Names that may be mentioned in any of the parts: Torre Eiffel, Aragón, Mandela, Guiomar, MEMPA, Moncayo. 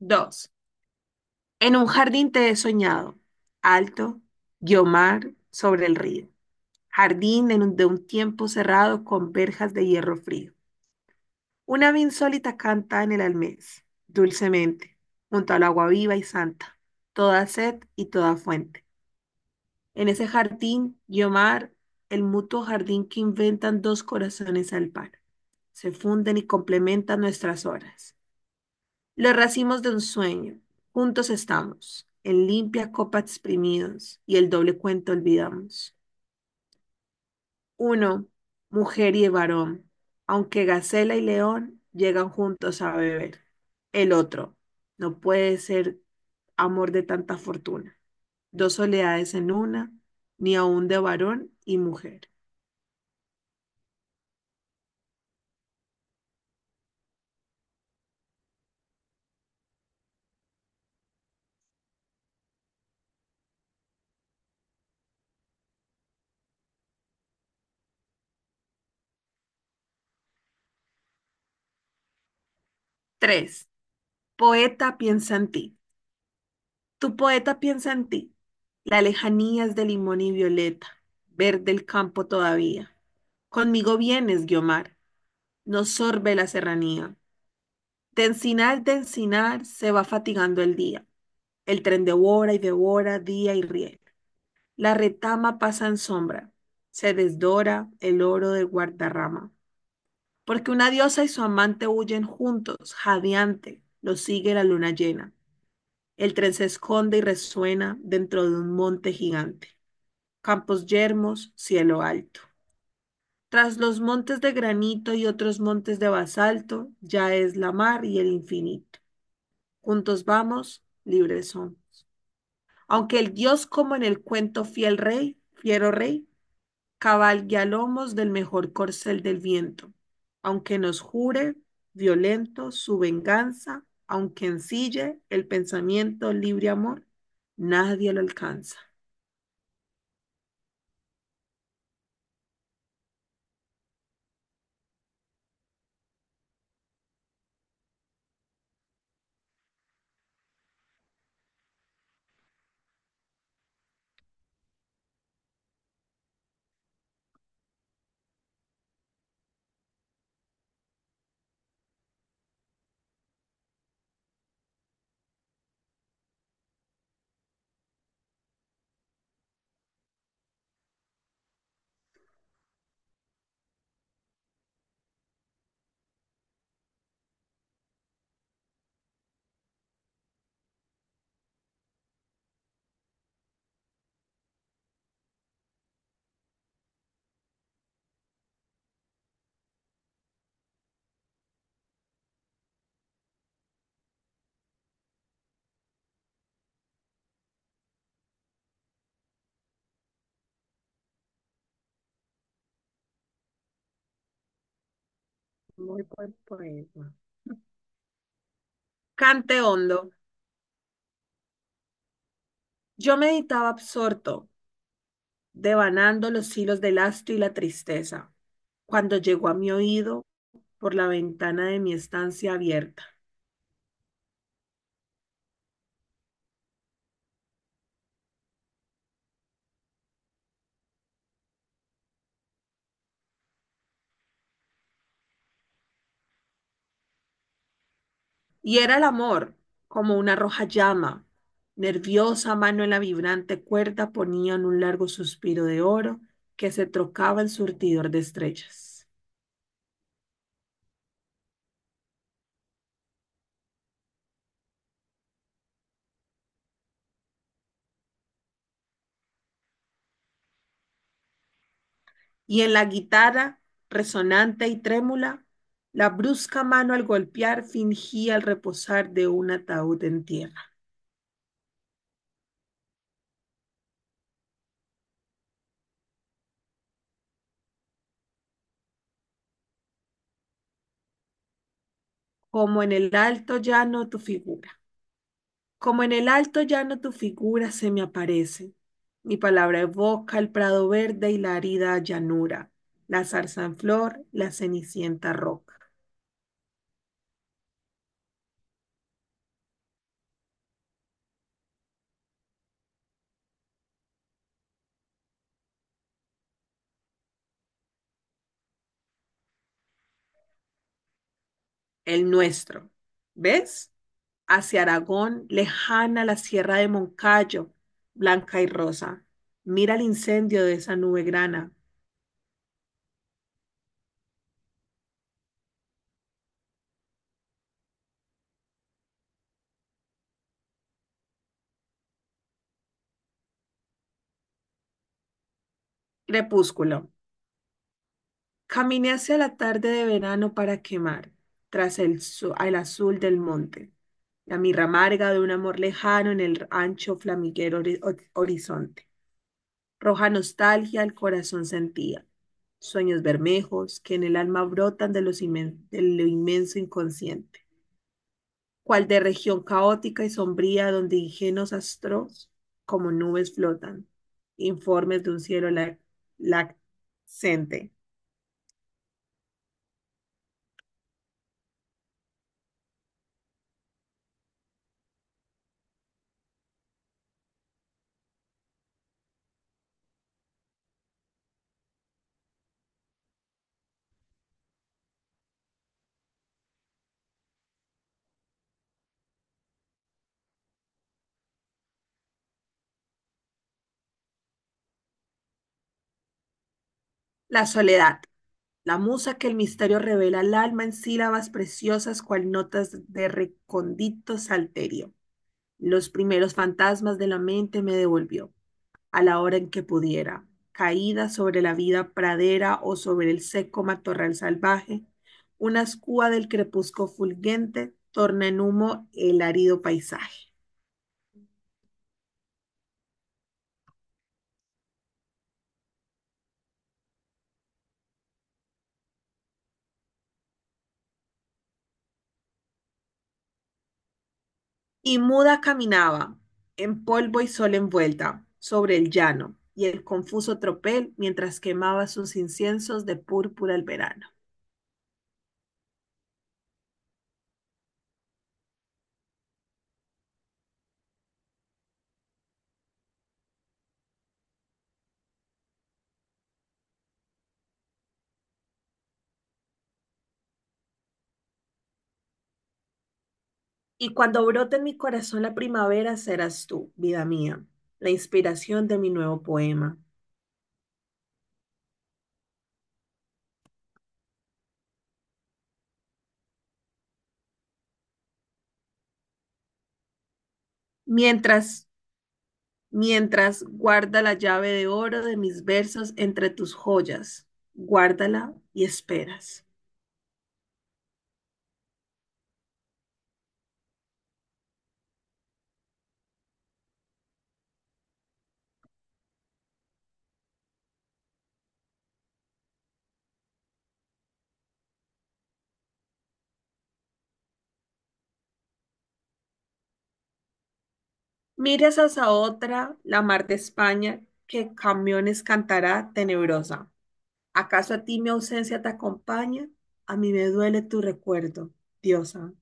Dos. En un jardín te he soñado, alto, Guiomar sobre el río. Jardín de un tiempo cerrado con verjas de hierro frío. Una ave insólita canta en el almés, dulcemente, junto al agua viva y santa, toda sed y toda fuente. En ese jardín, Guiomar, el mutuo jardín que inventan dos corazones al par, se funden y complementan nuestras horas. Los racimos de un sueño, juntos estamos, en limpia copa exprimidos y el doble cuento olvidamos. Uno, mujer y varón, aunque gacela y león llegan juntos a beber. El otro, no puede ser amor de tanta fortuna, dos soledades en una, ni aun de varón y mujer. Tres, poeta piensa en ti, Tu poeta piensa en ti. La lejanía es de limón y violeta, verde el campo todavía. Conmigo vienes, Guiomar, nos sorbe la serranía. De encinar, se va fatigando el día. El tren devora y devora día y riel. La retama pasa en sombra, se desdora el oro del Guardarrama. Porque una diosa y su amante huyen juntos, jadeante, lo sigue la luna llena. El tren se esconde y resuena dentro de un monte gigante. Campos yermos, cielo alto. Tras los montes de granito y otros montes de basalto, ya es la mar y el infinito. Juntos vamos, libres son. Aunque el dios, como en el cuento fiel rey, fiero rey, cabalgue a lomos del mejor corcel del viento. Aunque nos jure, violento, su venganza, aunque ensille el pensamiento libre amor, nadie lo alcanza. Muy buen poema. Cante hondo. Yo meditaba absorto, devanando los hilos del astro y la tristeza, cuando llegó a mi oído por la ventana de mi estancia abierta. Y era el amor, como una roja llama. Nerviosa mano en la vibrante cuerda ponían un largo suspiro de oro que se trocaba el surtidor de estrellas. Y en la guitarra, resonante y trémula, la brusca mano al golpear fingía el reposar de un ataúd en tierra. Como en el alto llano tu figura. Como en el alto llano tu figura se me aparece. Mi palabra evoca el prado verde y la arida llanura, la zarza en flor, la cenicienta roca. El nuestro. ¿Ves? Hacia Aragón, lejana la sierra de Moncayo, blanca y rosa. Mira el incendio de esa nube grana. Crepúsculo. Caminé hacia la tarde de verano para quemar, al azul del monte, la mirra amarga de un amor lejano en el ancho flamiguero horizonte. Roja nostalgia el corazón sentía, sueños bermejos que en el alma brotan de lo inmenso inconsciente, cual de región caótica y sombría donde ingenuos astros como nubes flotan, informes de un cielo lac- La soledad. La musa que el misterio revela al alma en sílabas preciosas cual notas de recóndito salterio. Los primeros fantasmas de la mente me devolvió, a la hora en que pudiera, caída sobre la vida pradera o sobre el seco matorral salvaje, una escúa del crepúsculo fulgente torna en humo el árido paisaje. Y muda caminaba, en polvo y sol envuelta, sobre el llano y el confuso tropel mientras quemaba sus inciensos de púrpura el verano. Y cuando brote en mi corazón la primavera, serás tú, vida mía, la inspiración de mi nuevo poema. Mientras, mientras guarda la llave de oro de mis versos entre tus joyas, guárdala y esperas. Miras hacia otra, la mar de España, que camiones cantará tenebrosa. ¿Acaso a ti mi ausencia te acompaña? A mí me duele tu recuerdo, diosa.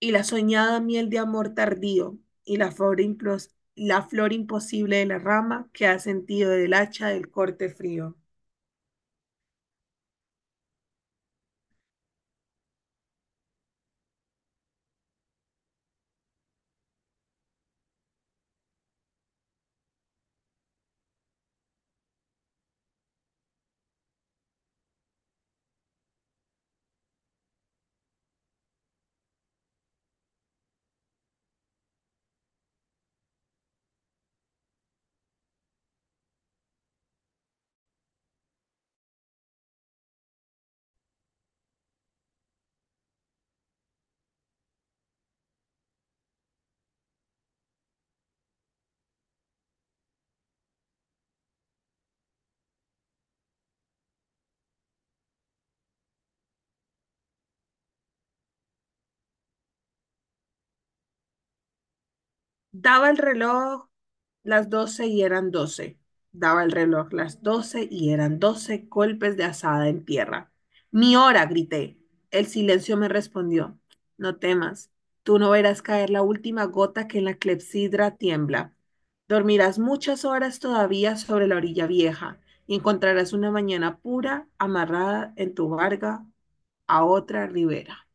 Y la soñada miel de amor tardío, y la flor imposible de la rama que ha sentido del hacha del corte frío. Daba el reloj Las 12 y eran 12. Daba el reloj las 12 y eran doce, golpes de azada en tierra. Mi hora, grité. El silencio me respondió. No temas. Tú no verás caer la última gota que en la clepsidra tiembla. Dormirás muchas horas todavía sobre la orilla vieja y encontrarás una mañana pura amarrada en tu barca a otra ribera.